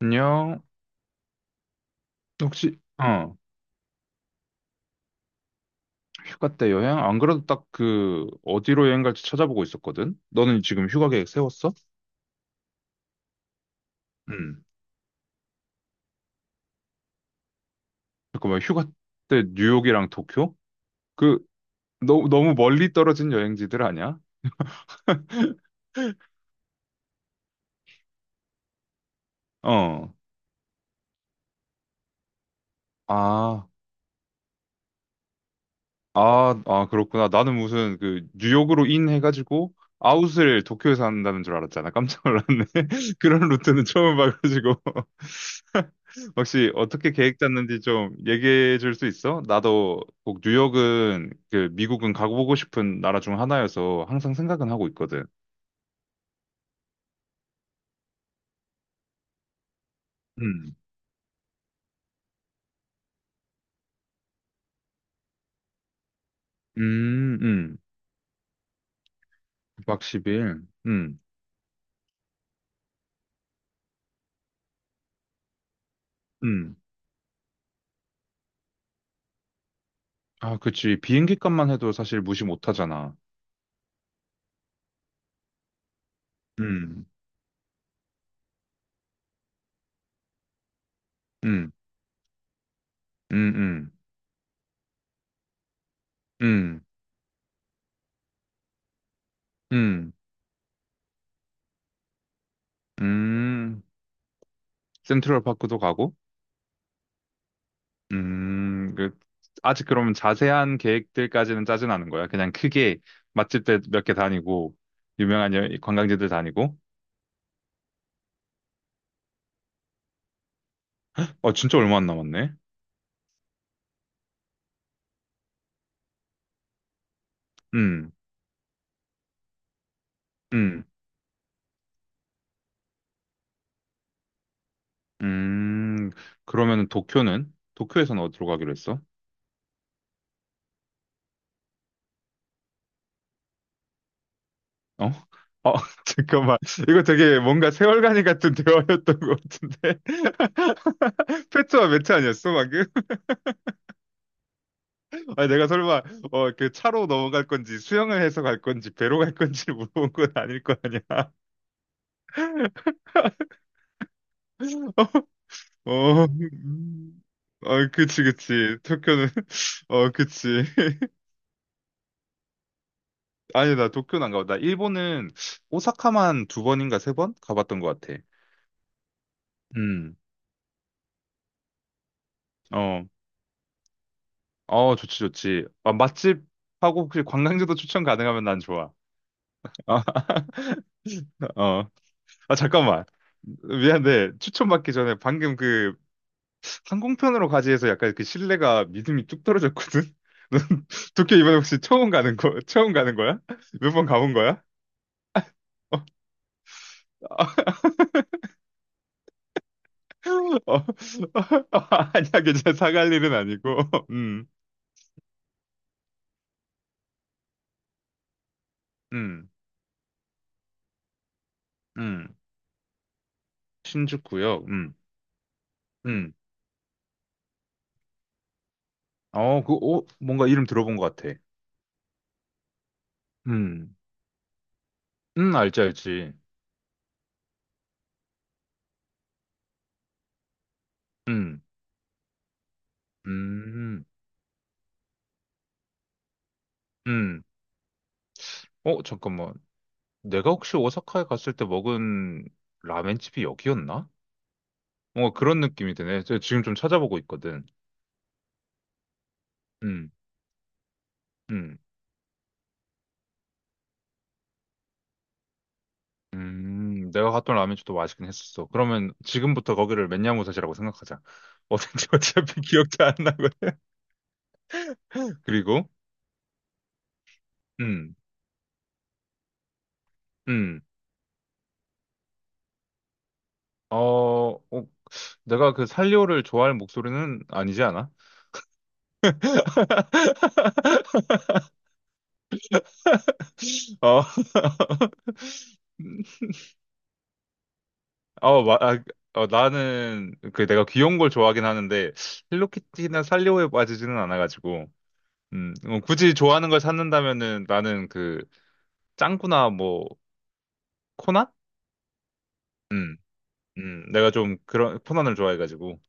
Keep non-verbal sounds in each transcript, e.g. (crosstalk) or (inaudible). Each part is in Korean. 안녕. 혹시, 휴가 때 여행? 안 그래도 딱 그, 어디로 여행 갈지 찾아보고 있었거든? 너는 지금 휴가 계획 세웠어? 응. 잠깐만, 휴가 때 뉴욕이랑 도쿄? 그, 너무 멀리 떨어진 여행지들 아니야? 어. 아, 아, 그렇구나. 나는 무슨 그, 뉴욕으로 인 해가지고, 아웃을 도쿄에서 한다는 줄 알았잖아. 깜짝 놀랐네. (laughs) 그런 루트는 처음 봐가지고. (laughs) 혹시 어떻게 계획 짰는지 좀 얘기해 줄 수 있어? 나도 꼭 뉴욕은 그 미국은 가보고 싶은 나라 중 하나여서 항상 생각은 하고 있거든. 음, 음, 음. 9박 10일. 음. 아, 그치. 비행기 값만 해도 사실 무시 못 하잖아. 음, 음, 음, 음, 음, 음, 음. 센트럴 파크도 가고, 음, 그, 아직 그러면 자세한 계획들까지는 짜진 않은 거야. 그냥 크게 맛집들 몇 개 다니고, 유명한 관광지들 다니고. 진짜 얼마 안 남았네. 음, 음, 음. 그러면 도쿄는? 도쿄에서는 어디로 가기로 했어? 어? 어, (laughs) 잠깐만. 이거 되게 뭔가 세월간이 같은 대화였던 것 같은데. (laughs) 페트와 매트 아니었어, 방금? (laughs) 아니, 내가 설마, 그 차로 넘어갈 건지, 수영을 해서 갈 건지, 배로 갈 건지를 물어본 건 아닐 거 아니야. 어, 아, 그치, 그치. 도쿄는, (laughs) 어, 그치. (laughs) 아니, 나 도쿄는 안 가봤다. 일본은 오사카만 두 번인가 세 번 가봤던 것 같아. 음, 어, 어, 좋지, 좋지. 아, 맛집하고 혹시 관광지도 추천 가능하면 난 좋아. 아, (laughs) 어. 아, 잠깐만. 미안한데, 추천받기 전에 방금 그 항공편으로 가지 해서 약간 그 신뢰가 믿음이 뚝 떨어졌거든? (laughs) 넌 도쿄 이번에 혹시 처음 가는 거야? 몇 번 가본 거야? 어. (laughs) 어, (laughs) 아니야, 괜찮아. 사갈 일은 아니고. (laughs) 음, 음, 음. 신주쿠역. 음. 뭔가 이름 들어본 것 같아. 음, 알지, 알지. 음, 음, 음. 잠깐만. 내가 혹시 오사카에 갔을 때 먹은 라멘집이 여기였나? 뭔가 그런 느낌이 드네. 제가 지금 좀 찾아보고 있거든. 음, 음. 내가 갔던 라면집도 맛있긴 했었어. 그러면 지금부터 거기를 맨야무새시라고 생각하자. 어딘지 (laughs) 어차피 기억도 안 나거든. 그리고, 음, 음, 어, 어, 내가 그살오를 좋아할 목소리는 아니지 않아? (laughs) 어, 어, 마, 아, 나는 그 내가 귀여운 걸 좋아하긴 하는데 헬로키티나 살리오에 빠지지는 않아가지고 굳이 좋아하는 걸 찾는다면은 나는 그 짱구나 뭐 코난? 내가 좀 그런 편안을 좋아해가지고.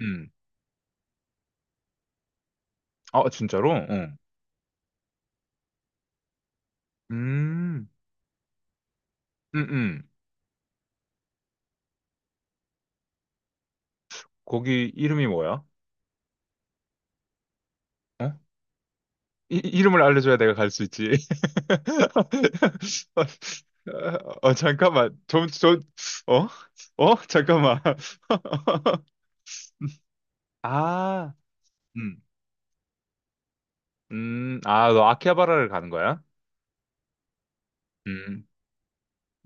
음. 아, 진짜로? 어. 음. 음, 음. 거기 이름이 뭐야? 어? 름을 알려줘야 내가 갈 수 있지. (laughs) 잠깐만. 좀, 좀, 어? 어? 잠깐만. (laughs) 아, 음. 너 아키하바라를 가는 거야? 음.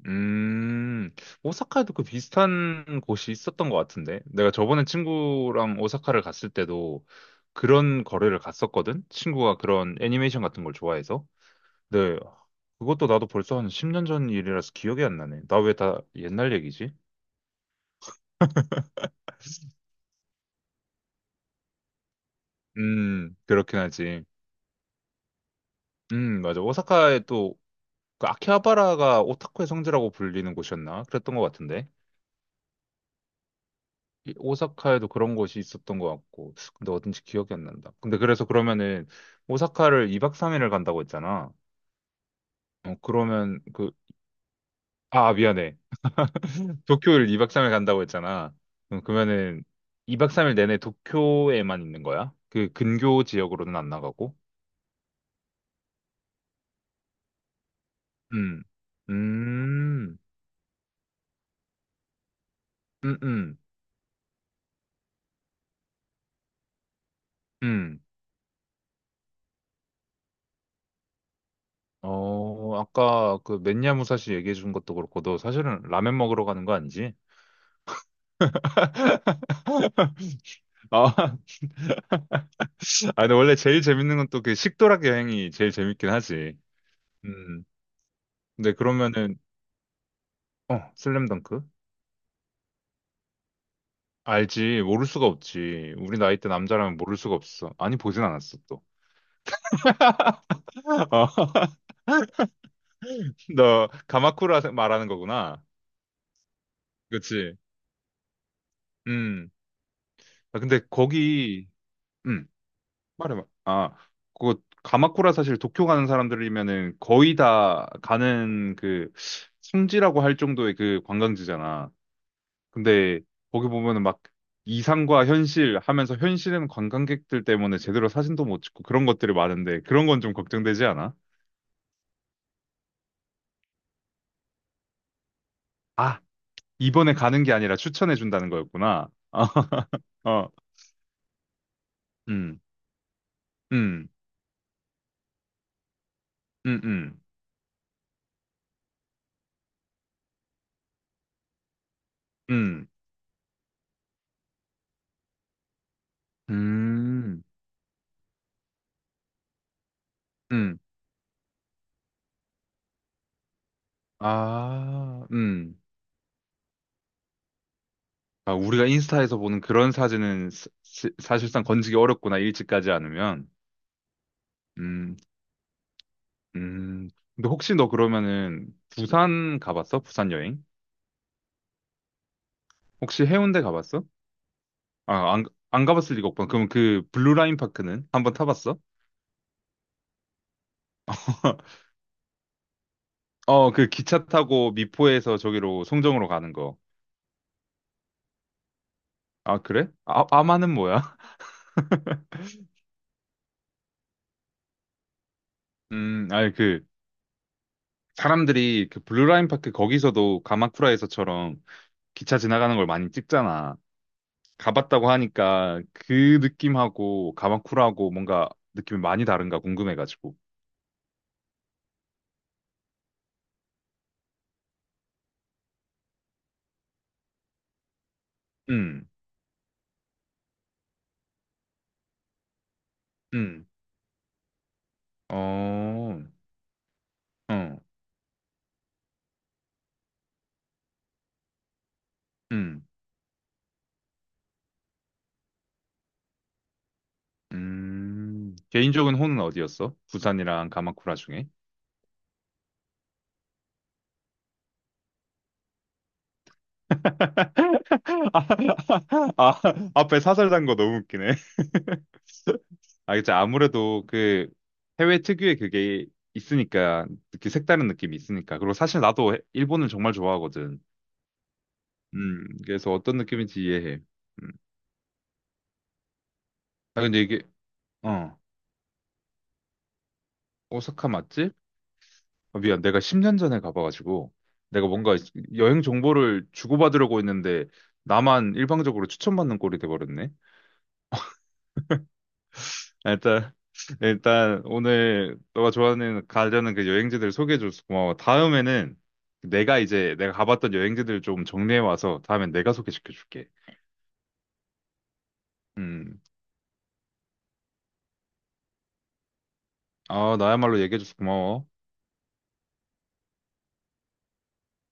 음, 오사카에도 그 비슷한 곳이 있었던 것 같은데. 내가 저번에 친구랑 오사카를 갔을 때도 그런 거래를 갔었거든? 친구가 그런 애니메이션 같은 걸 좋아해서. 네, 그것도 나도 벌써 한 10년 전 일이라서 기억이 안 나네. 나 왜 다 옛날 얘기지? 그렇긴 하지. 맞아. 오사카에 또, 그 아키하바라가 오타쿠의 성지라고 불리는 곳이었나? 그랬던 것 같은데. 이 오사카에도 그런 곳이 있었던 것 같고, 근데 어딘지 기억이 안 난다. 근데 그래서 그러면은, 오사카를 2박 3일을 간다고 했잖아. 그러면 그, 아, 미안해. 도쿄를 2박 3일 간다고 했잖아. 그러면은, 2박 3일 내내 도쿄에만 있는 거야? 그 근교 지역으로는 안 나가고? 음, 음, 음, 음, 음. 아까 그 맨야 무사시 얘기해 준 것도 그렇고, 너 사실은 라면 먹으러 가는 거 아니지? (laughs) 아, (laughs) 근데 원래 제일 재밌는 건 또 그 식도락 여행이 제일 재밌긴 하지. 음. 근데 그러면은, 슬램덩크? 알지. 모를 수가 없지. 우리 나이 때 남자라면 모를 수가 없어. 아니, 보진 않았어, 또. (laughs) 어, 너, 가마쿠라 말하는 거구나. 그치. 음. 아, 근데 거기, 음, 말해봐. 아, 그거, 가마쿠라 사실 도쿄 가는 사람들이면은 거의 다 가는 그 성지라고 할 정도의 그 관광지잖아. 근데 거기 보면은 막 이상과 현실 하면서 현실은 관광객들 때문에 제대로 사진도 못 찍고 그런 것들이 많은데 그런 건 좀 걱정되지 않아? 아, 이번에 가는 게 아니라 추천해 준다는 거였구나. (laughs) 어, 어, 음, 음, 음, 음, 음, 음, 음, 아, 아, 우리가 인스타에서 보는 그런 사진은 사실상 건지기 어렵구나, 일찍 가지 않으면. 음, 음. 근데 혹시 너 그러면은 부산 가봤어? 부산 여행? 혹시 해운대 가봤어? 아, 안 가봤을 리가 없구나. 그럼 그 블루라인 파크는 한번 타봤어? (laughs) 그 기차 타고 미포에서 저기로 송정으로 가는 거. 아, 그래? 아, 아마는 뭐야? (laughs) 아니 그 사람들이 그 블루라인 파크 거기서도 가마쿠라에서처럼 기차 지나가는 걸 많이 찍잖아. 가봤다고 하니까 그 느낌하고 가마쿠라하고 뭔가 느낌이 많이 다른가 궁금해가지고. 음, 음, 어, 어, 음. 개인적인 호는 어디였어? 부산이랑 가마쿠라 중에? (laughs) 아, 아, 앞에 사설 단거 너무 웃기네. (laughs) 아, 그치. 아무래도 그 해외 특유의 그게 있으니까, 이렇게 색다른 느낌이 있으니까. 그리고 사실 나도 일본을 정말 좋아하거든. 그래서 어떤 느낌인지 이해해. 음. 아, 근데 이게, 어, 오사카 맞지? 아, 미안, 내가 10년 전에 가봐가지고 내가 뭔가 여행 정보를 주고받으려고 했는데 나만 일방적으로 추천받는 꼴이 돼버렸네. 아, 일단 (laughs) 일단 오늘 너가 좋아하는 가려는 그 여행지들 소개해줘서 고마워. 다음에는 내가 이제 내가 가봤던 여행지들 좀 정리해 와서 다음엔 내가 소개시켜줄게. 음, 아 나야말로 얘기해줘서 고마워.